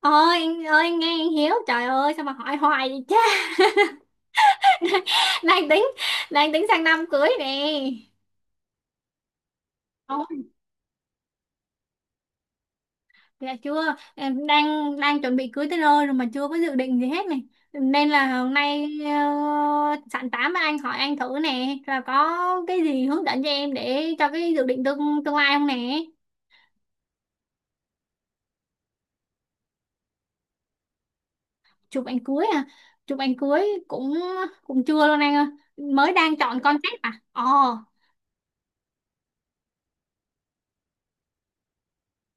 Ơi anh, ơi anh, nghe anh Hiếu, trời ơi sao mà hỏi hoài vậy cha. Đang tính, đang tính sang năm cưới nè. Không, dạ chưa, em đang đang chuẩn bị cưới tới nơi rồi mà chưa có dự định gì hết này, nên là hôm nay sẵn tám với anh, hỏi anh thử nè rồi có cái gì hướng dẫn cho em để cho cái dự định tương tương lai không nè. Chụp ảnh cưới à? Chụp ảnh cưới cũng, cũng chưa luôn anh ơi, mới đang chọn concept. À, ồ,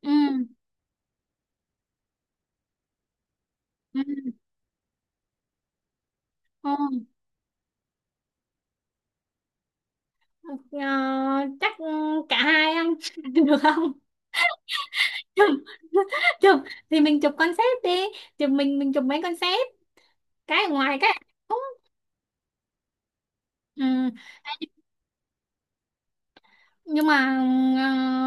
ừ, ừ, ừ. Ờ, chắc, cả hai anh được không? Chụp, chụp, thì mình chụp concept đi, chụp mình, chụp mấy concept, cái ở ngoài cái ở trong. Ừ. Nhưng mà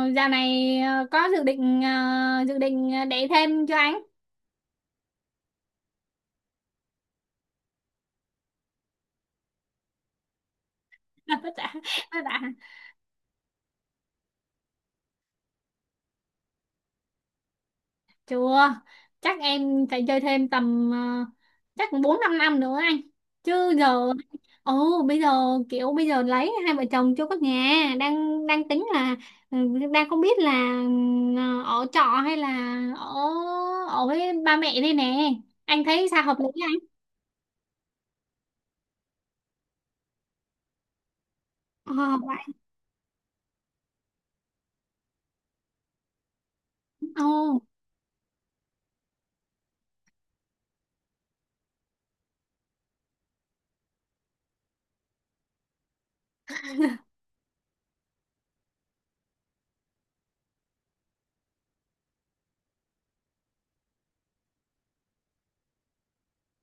dạo này có dự định, dự định để thêm cho anh. Tất cả, tất cả Chưa, chắc em phải chơi thêm tầm, chắc cũng 4 5 năm nữa anh. Chứ giờ, ồ, bây giờ, kiểu bây giờ lấy, hai vợ chồng chưa có nhà, đang đang tính là, ừ, đang không biết là, ở trọ hay là ở, ở với ba mẹ đây nè. Anh thấy sao hợp lý anh? Ờ, vậy. Ồ,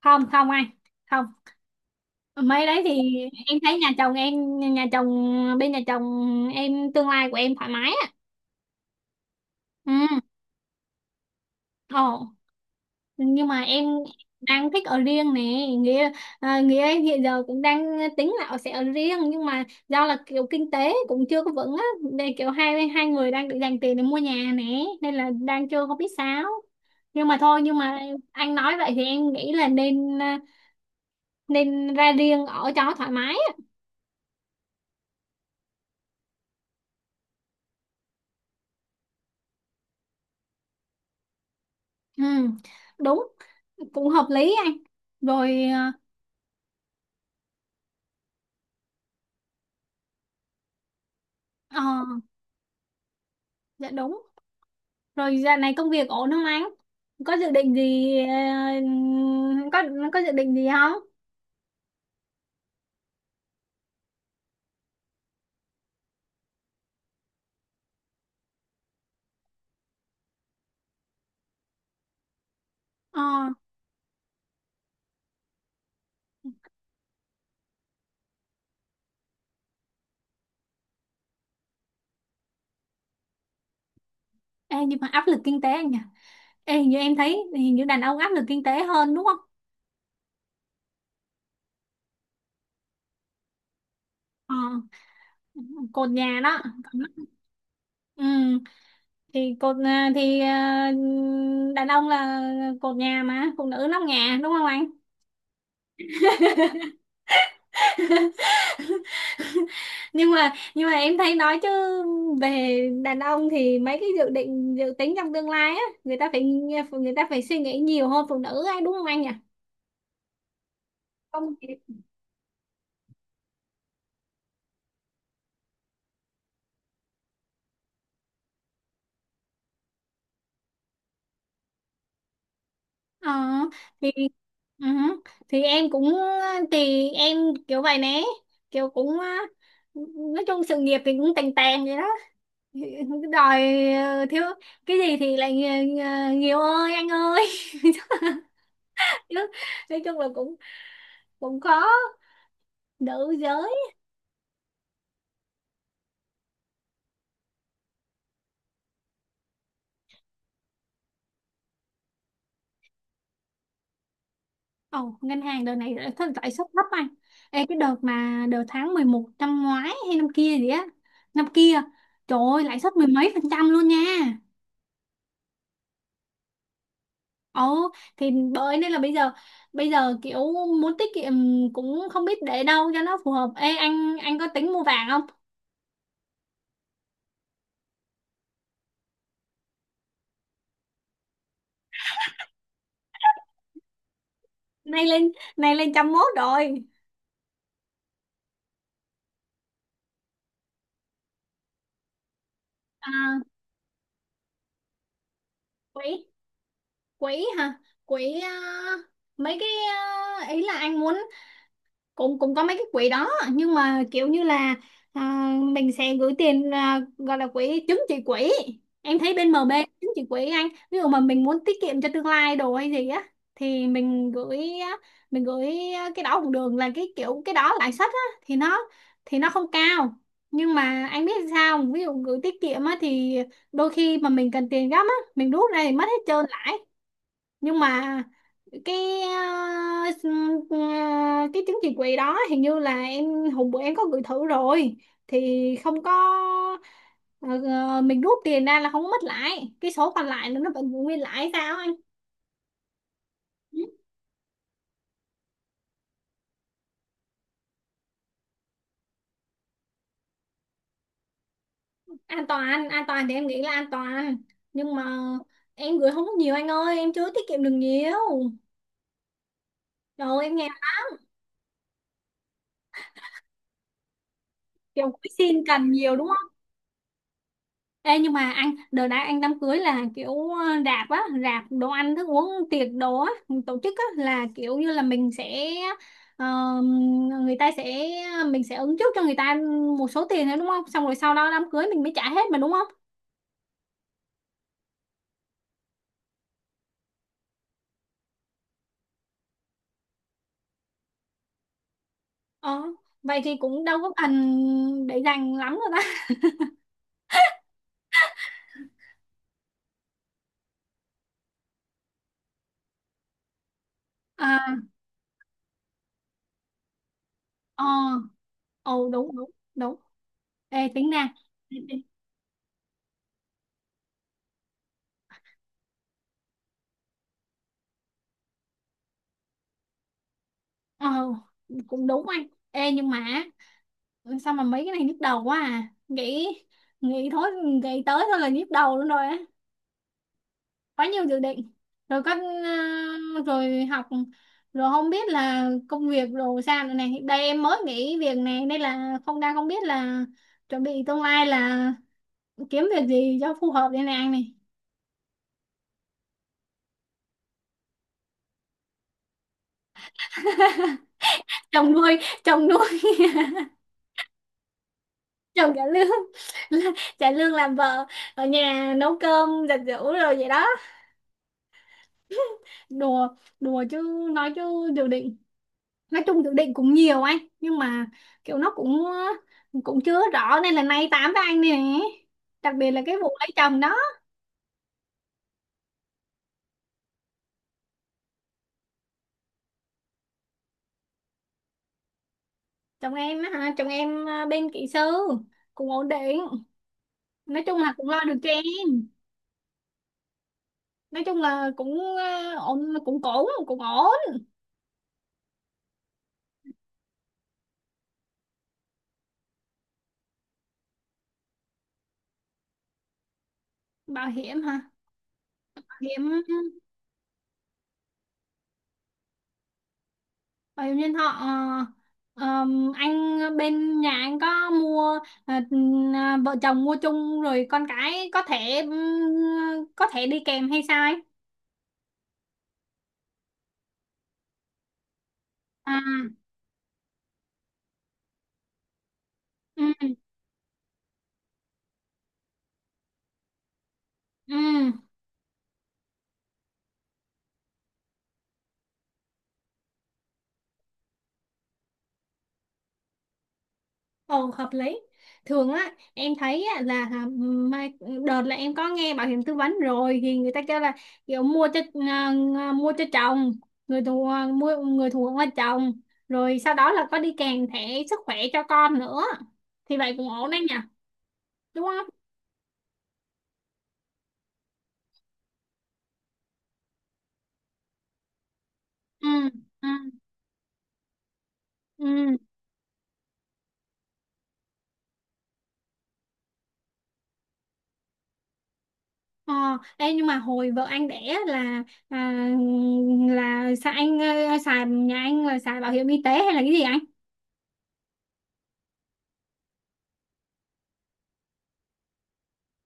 không không anh. Không. Mấy đấy thì em thấy nhà chồng em, nhà chồng bên nhà chồng em tương lai của em thoải mái á. Ừ. Ồ. Nhưng mà em đang thích ở riêng nè, nghĩa, à, nghĩa em hiện giờ cũng đang tính là sẽ ở riêng, nhưng mà do là kiểu kinh tế cũng chưa có vững á, nên kiểu hai hai người đang định dành tiền để mua nhà nè, nên là đang chưa có biết sao, nhưng mà thôi, nhưng mà anh nói vậy thì em nghĩ là nên, nên ra riêng ở cho thoải mái á. Ừ, đúng, cũng hợp lý anh. Rồi à, ờ, dạ đúng rồi, giờ này công việc ổn không anh, có dự định gì có có dự định gì không? Ờ, ê, nhưng mà áp lực kinh tế anh nhỉ? Ê, hình như em thấy hình như đàn ông áp lực kinh tế hơn đúng không? Ờ, cột nhà đó. Ừ, thì cột, đàn ông là cột nhà mà phụ nữ nóc nhà đúng không anh? Nhưng mà, em thấy nói chứ, về đàn ông thì mấy cái dự định dự tính trong tương lai á, người ta phải, người ta phải suy nghĩ nhiều hơn phụ nữ ấy, đúng không anh nhỉ? Không. Ờ, thì ừ, thì em cũng, thì em kiểu vậy nè, kiểu cũng á, nói chung sự nghiệp thì cũng tàn tàn vậy đó. Thì cứ đòi, thiếu cái gì thì lại nhiều, nhiều ơi anh ơi. Chứ nói chung là cũng, cũng khó, nữ giới. Ồ, ngân hàng đợt này lãi suất, lãi suất thấp anh. Ê, cái đợt mà đợt tháng 11 năm ngoái hay năm kia gì á, năm kia, trời ơi, lãi suất mười mấy phần trăm luôn nha. Ồ, thì bởi nên là bây giờ, kiểu muốn tiết kiệm cũng không biết để đâu cho nó phù hợp. Ê anh, có tính mua vàng không? Nay lên, nay lên trăm mốt rồi. À, quỹ, quỹ hả? Quỹ, à, mấy cái, à, ý là anh muốn, cũng cũng có mấy cái quỹ đó nhưng mà kiểu như là, à, mình sẽ gửi tiền, à, gọi là quỹ chứng chỉ quỹ, em thấy bên MB chứng chỉ quỹ anh, ví dụ mà mình muốn tiết kiệm cho tương lai đồ hay gì á thì mình gửi á, mình gửi cái đó cũng được, là cái kiểu cái đó lãi suất á thì nó, thì nó không cao. Nhưng mà anh biết sao không? Ví dụ gửi tiết kiệm á thì đôi khi mà mình cần tiền gấp á mình rút ra thì mất hết trơn lãi, nhưng mà cái ờ, s- ờ, cái trứng chì quỳ đó hình như là em, hôm bữa em có gửi thử rồi thì không có, ờ, mình rút tiền ra là không có mất lãi, cái số còn lại là nó vẫn giữ nguyên lãi, sao anh? Ừ, an toàn, an toàn thì em nghĩ là an toàn, nhưng mà em gửi không có nhiều anh ơi, em chưa tiết kiệm được nhiều. Rồi em nghe kiểu xin cần nhiều đúng không. Ê, nhưng mà anh đợt đã, anh đám cưới là kiểu rạp á, rạp đồ ăn thức uống tiệc đồ á, tổ chức á là kiểu như là mình sẽ, ờ, người ta sẽ, mình sẽ ứng trước cho người ta một số tiền nữa đúng không, xong rồi sau đó đám cưới mình mới trả hết mà đúng không? Ờ, vậy thì cũng đâu có cần để dành lắm rồi đó. À, ờ, ồ đúng đúng đúng. Ê tính ra, ờ cũng đúng anh. Ê nhưng mà, ừ, sao mà mấy cái này nhức đầu quá à, nghĩ, nghĩ thôi nghĩ tới thôi là nhức đầu luôn rồi á, quá nhiều dự định, rồi các, rồi học, rồi không biết là công việc rồi sao nữa này, đây em mới nghỉ việc này, đây là không, đang không biết là chuẩn bị tương lai là kiếm việc gì cho phù hợp đây này anh này. Chồng nuôi, chồng nuôi, chồng trả lương. Trả lương làm vợ, ở nhà nấu cơm giặt giũ rồi vậy đó. Đùa, chứ nói chứ dự định, nói chung dự định cũng nhiều anh, nhưng mà kiểu nó cũng, cũng chưa rõ nên là nay tám với anh nè, đặc biệt là cái vụ lấy chồng đó. Chồng em á hả, chồng em, bên kỹ sư, cũng ổn định, nói chung là cũng lo được cho em. Nói chung là cũng ổn, cũng ổn cũng ổn. Bảo hiểm hả? Bảo hiểm, bảo hiểm nhân thọ, anh bên nhà anh có mua, à, vợ chồng mua chung rồi con cái có thể đi kèm hay sao anh? À, ừ, ừ, ồ hợp lý. Thường á em thấy á, là hả, mai, đợt là em có nghe bảo hiểm tư vấn rồi thì người ta kêu là kiểu mua cho, mua cho chồng, người thù, mua người thù là chồng, rồi sau đó là có đi kèm thẻ sức khỏe cho con nữa, thì vậy cũng ổn đấy nhỉ, đúng không? Ừ, ừ, ừ, ờ. Ê, nhưng mà hồi vợ anh đẻ là là sao anh, xài nhà anh là xài bảo hiểm y tế hay là cái gì anh?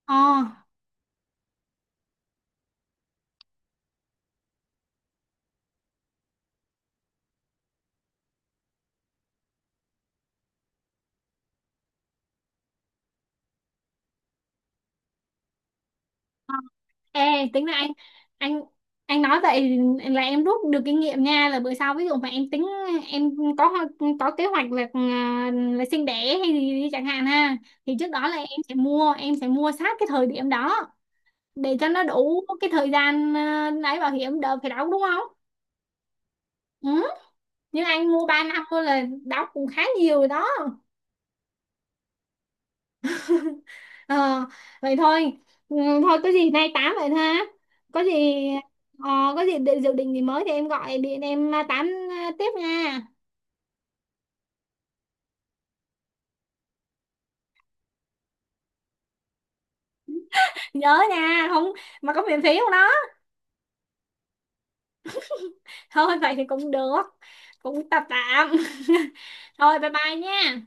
Ờ, ờ. Ê, tính là anh, anh anh nói vậy là em rút được kinh nghiệm nha, là bữa sau ví dụ mà em tính, em có ho-, có kế hoạch là là sinh đẻ hay gì đi chẳng hạn ha, thì trước đó là em sẽ mua, em sẽ mua sát cái thời điểm đó, để cho nó đủ cái thời gian, lấy bảo hiểm đỡ phải đóng đúng không? Ừ. Nhưng anh mua ba năm thôi là đóng cũng khá nhiều rồi đó. Ờ, vậy thôi, ừ, thôi có gì nay tám vậy thôi ha, có gì ờ, có gì định, dự định gì mới thì em gọi điện em, tám, tiếp nha. Nhớ nha không, mà có miễn phí không đó? Thôi vậy thì cũng được, cũng tạm tạm. Thôi bye bye nha.